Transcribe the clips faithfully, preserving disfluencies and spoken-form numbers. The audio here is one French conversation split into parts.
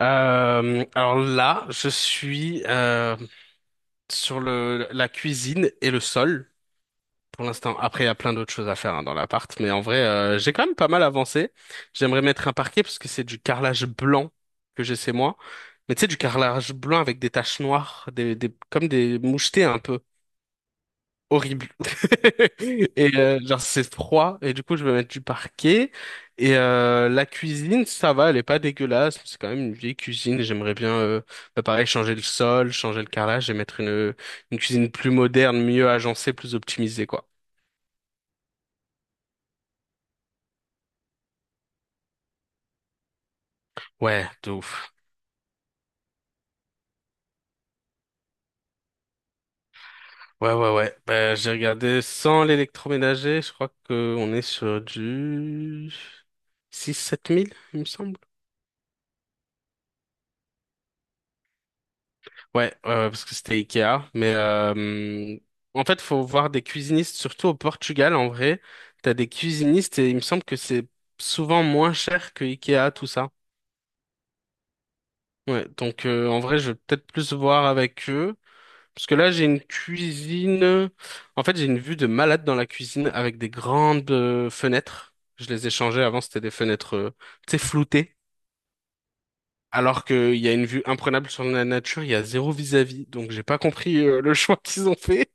Euh, alors là, je suis euh, sur le, la cuisine et le sol pour l'instant. Après, il y a plein d'autres choses à faire hein, dans l'appart, mais en vrai, euh, j'ai quand même pas mal avancé. J'aimerais mettre un parquet parce que c'est du carrelage blanc que j'ai chez moi. Mais tu sais, du carrelage blanc avec des taches noires, des, des, comme des mouchetés un peu horrible. Et euh, genre c'est froid et du coup je vais mettre du parquet et euh, la cuisine ça va, elle est pas dégueulasse, c'est quand même une vieille cuisine, et j'aimerais bien euh, bah, pareil changer le sol, changer le carrelage et mettre une une cuisine plus moderne, mieux agencée, plus optimisée quoi. Ouais, de ouf. Ouais ouais ouais. Bah, j'ai regardé sans l'électroménager, je crois que on est sur du six sept mille il me semble. Ouais, ouais, ouais, parce que c'était Ikea. Mais euh, en fait, faut voir des cuisinistes, surtout au Portugal, en vrai. T'as des cuisinistes et il me semble que c'est souvent moins cher que Ikea, tout ça. Ouais, donc euh, en vrai, je vais peut-être plus voir avec eux. Parce que là, j'ai une cuisine. En fait, j'ai une vue de malade dans la cuisine avec des grandes euh, fenêtres. Je les ai changées avant, c'était des fenêtres, euh, tu sais, floutées. Alors qu'il y a une vue imprenable sur la nature, il y a zéro vis-à-vis. Donc, j'ai pas compris euh, le choix qu'ils ont fait.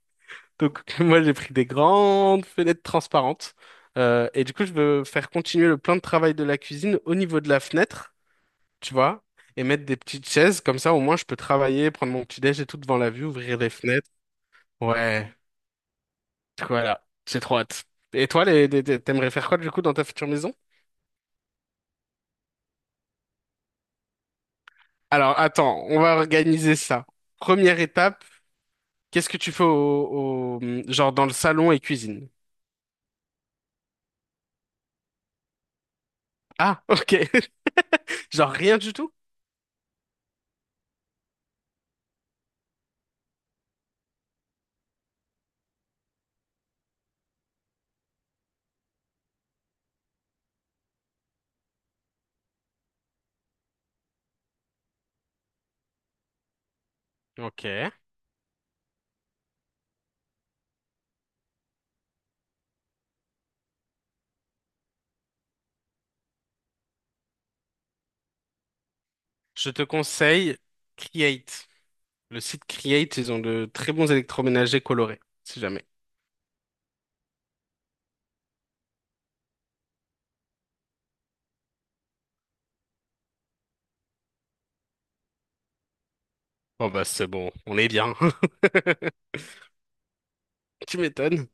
Donc moi j'ai pris des grandes fenêtres transparentes. Euh, et du coup je veux faire continuer le plan de travail de la cuisine au niveau de la fenêtre, tu vois, et mettre des petites chaises comme ça au moins je peux travailler, prendre mon petit déj et tout devant la vue, ouvrir les fenêtres. Ouais, voilà, c'est trop hâte. Et toi, les, les- les- t'aimerais faire quoi du coup dans ta future maison? Alors attends, on va organiser ça. Première étape, qu'est-ce que tu fais au, au- genre dans le salon et cuisine? Ah, ok, genre rien du tout? Ok. Je te conseille Create. Le site Create, ils ont de très bons électroménagers colorés, si jamais. Oh bah c'est bon, on est bien. Tu m'étonnes.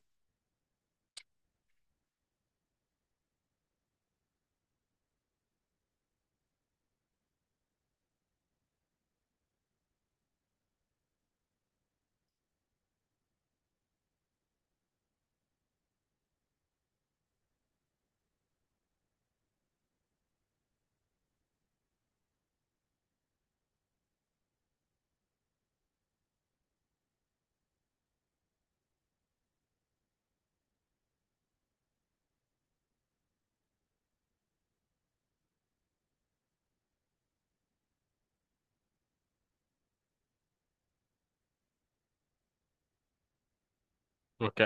Ok.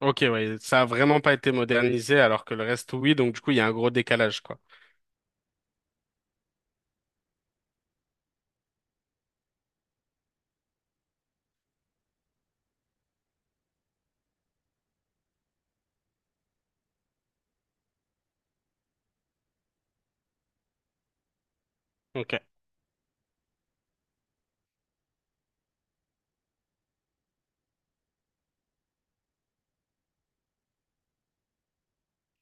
Ok, ouais, ça a vraiment pas été modernisé alors que le reste, oui, donc du coup, il y a un gros décalage, quoi. Ok.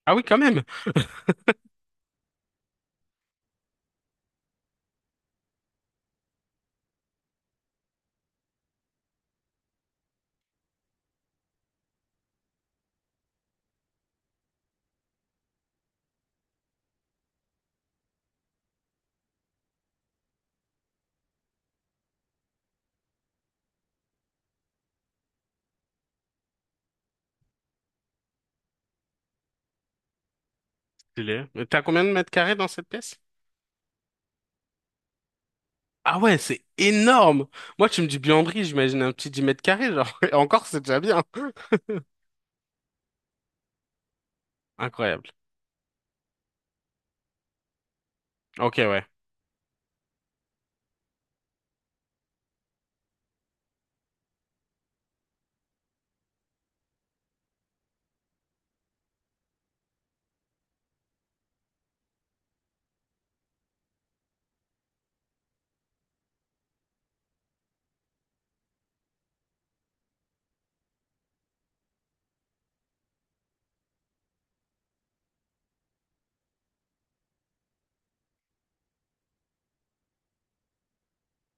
Ah oui, quand même. Stylé. Mais t'as combien de mètres carrés dans cette pièce? Ah ouais, c'est énorme! Moi, tu me dis buanderie, j'imagine un petit dix mètres carrés, genre. Et encore, c'est déjà bien. Incroyable. Ok, ouais.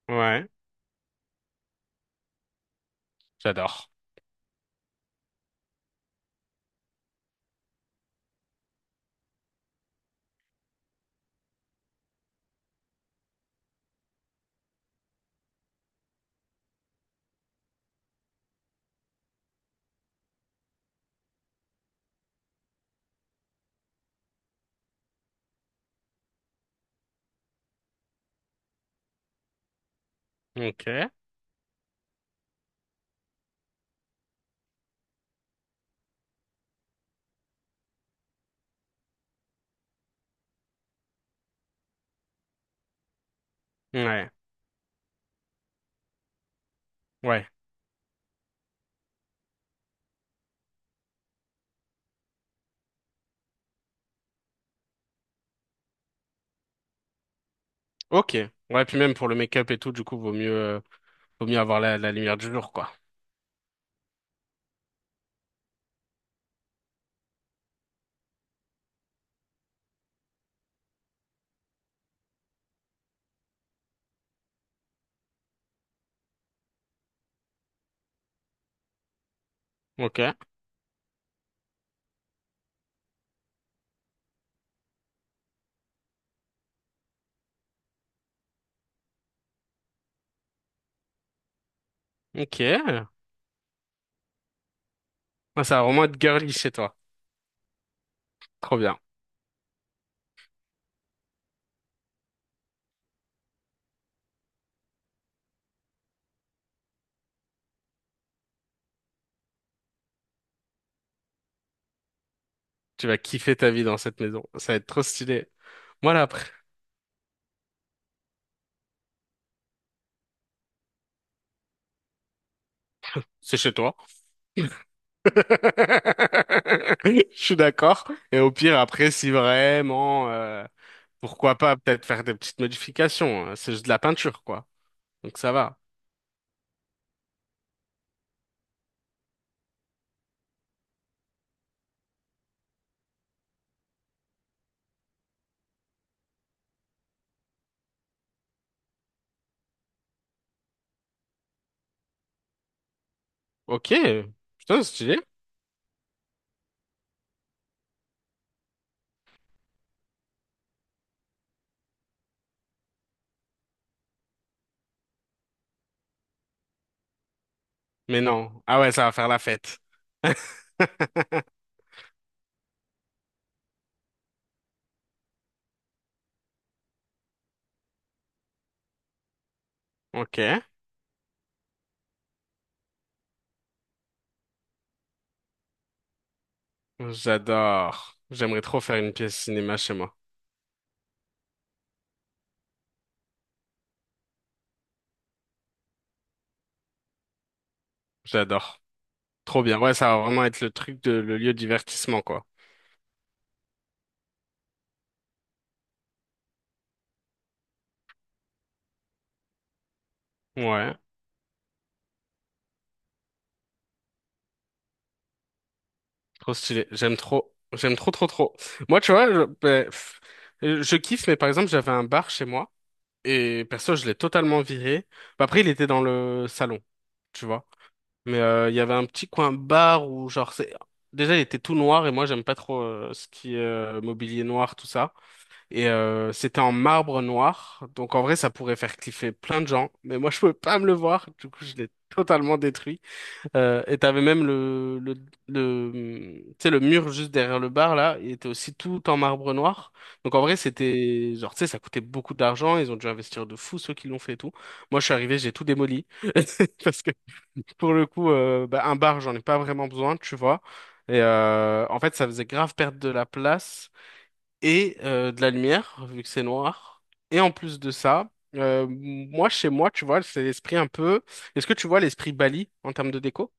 Ouais, j'adore. Ok. Ouais. Ouais. Ok. Ouais, puis même pour le make-up et tout, du coup, vaut mieux, euh, vaut mieux avoir la, la lumière du jour, quoi. Ok. Ok. Ouais, ça va vraiment être girly chez toi. Trop bien. Tu vas kiffer ta vie dans cette maison. Ça va être trop stylé. Moi, là, après, c'est chez toi. Je suis d'accord. Et au pire, après, si vraiment, euh, pourquoi pas peut-être faire des petites modifications. Hein. C'est juste de la peinture, quoi. Donc ça va. Ok. Putain, c'est stylé. Mais non. Ah ouais, ça va faire la fête. Ok. J'adore. J'aimerais trop faire une pièce cinéma chez moi. J'adore. Trop bien. Ouais, ça va vraiment être le truc de le lieu de divertissement, quoi. Ouais. Trop stylé. J'aime trop. J'aime trop, trop, trop. Moi, tu vois, je, ben, pff, euh, je kiffe, mais par exemple, j'avais un bar chez moi. Et perso, je l'ai totalement viré. Après, il était dans le salon. Tu vois. Mais euh, il y avait un petit coin bar où, genre, c'est... Déjà, il était tout noir et moi, j'aime pas trop euh, ce qui est euh, mobilier noir, tout ça. Et euh, c'était en marbre noir. Donc, en vrai, ça pourrait faire cliffer plein de gens. Mais moi, je pouvais pas me le voir. Du coup, je l'ai totalement détruit. Euh, et t'avais même le, le, le, tu sais, le mur juste derrière le bar, là. Il était aussi tout en marbre noir. Donc, en vrai, c'était... Genre, tu sais, ça coûtait beaucoup d'argent. Ils ont dû investir de fou, ceux qui l'ont fait et tout. Moi, je suis arrivé, j'ai tout démoli. Pour le coup, euh, bah, un bar, j'en ai pas vraiment besoin, tu vois. Et euh, en fait, ça faisait grave perdre de la place et euh, de la lumière, vu que c'est noir. Et en plus de ça, euh, moi, chez moi, tu vois, c'est l'esprit un peu... Est-ce que tu vois l'esprit Bali en termes de déco?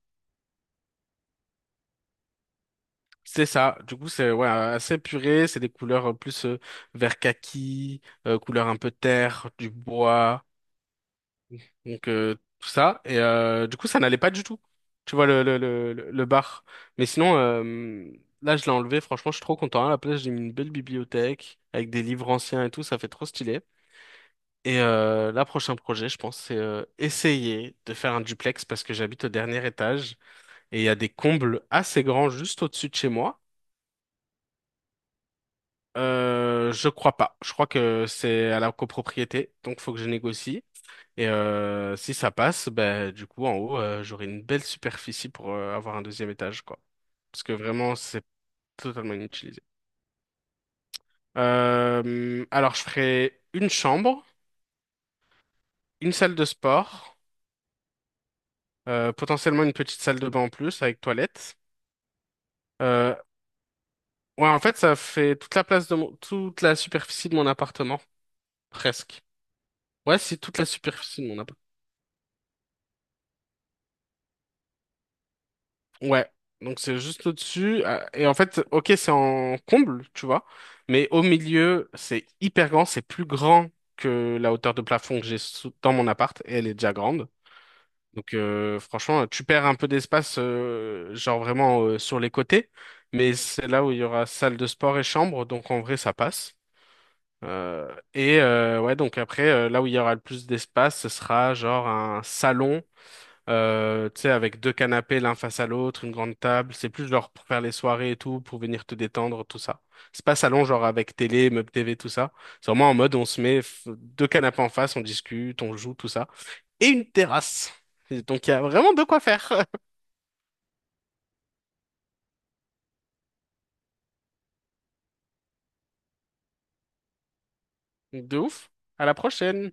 C'est ça. Du coup, c'est ouais, assez puré. C'est des couleurs euh, plus euh, vert kaki, euh, couleur un peu terre, du bois. Donc euh, tout ça. Et euh, du coup, ça n'allait pas du tout. Tu vois le, le, le, le le bar. Mais sinon, euh, là, je l'ai enlevé. Franchement, je suis trop content. À la place, j'ai mis une belle bibliothèque avec des livres anciens et tout. Ça fait trop stylé. Et euh, là, prochain projet, je pense, c'est euh, essayer de faire un duplex parce que j'habite au dernier étage et il y a des combles assez grands juste au-dessus de chez moi. Euh, je crois pas. Je crois que c'est à la copropriété, donc faut que je négocie. Et euh, si ça passe, ben du coup, en haut, euh, j'aurai une belle superficie pour euh, avoir un deuxième étage, quoi. Parce que vraiment, c'est totalement inutilisé. Euh, alors, je ferai une chambre, une salle de sport, euh, potentiellement une petite salle de bain en plus avec toilette. Euh, ouais, en fait, ça fait toute la place de mon, toute la superficie de mon appartement, presque. Ouais, c'est toute la superficie de mon appartement. Ouais, donc c'est juste au-dessus. euh, Et en fait, ok, c'est en comble, tu vois, mais au milieu, c'est hyper grand, c'est plus grand que la hauteur de plafond que j'ai sous- dans mon appart, et elle est déjà grande. Donc euh, franchement, tu perds un peu d'espace, euh, genre vraiment euh, sur les côtés, mais c'est là où il y aura salle de sport et chambre, donc en vrai, ça passe. Euh, et euh, ouais, donc après, euh, là où il y aura le plus d'espace, ce sera genre un salon euh, tu sais, avec deux canapés l'un face à l'autre, une grande table. C'est plus genre pour faire les soirées et tout, pour venir te détendre, tout ça. C'est pas salon genre avec télé, meuble T V, tout ça. C'est vraiment en mode on se met f- deux canapés en face, on discute, on joue, tout ça. Et une terrasse. Et donc il y a vraiment de quoi faire. De ouf. À la prochaine.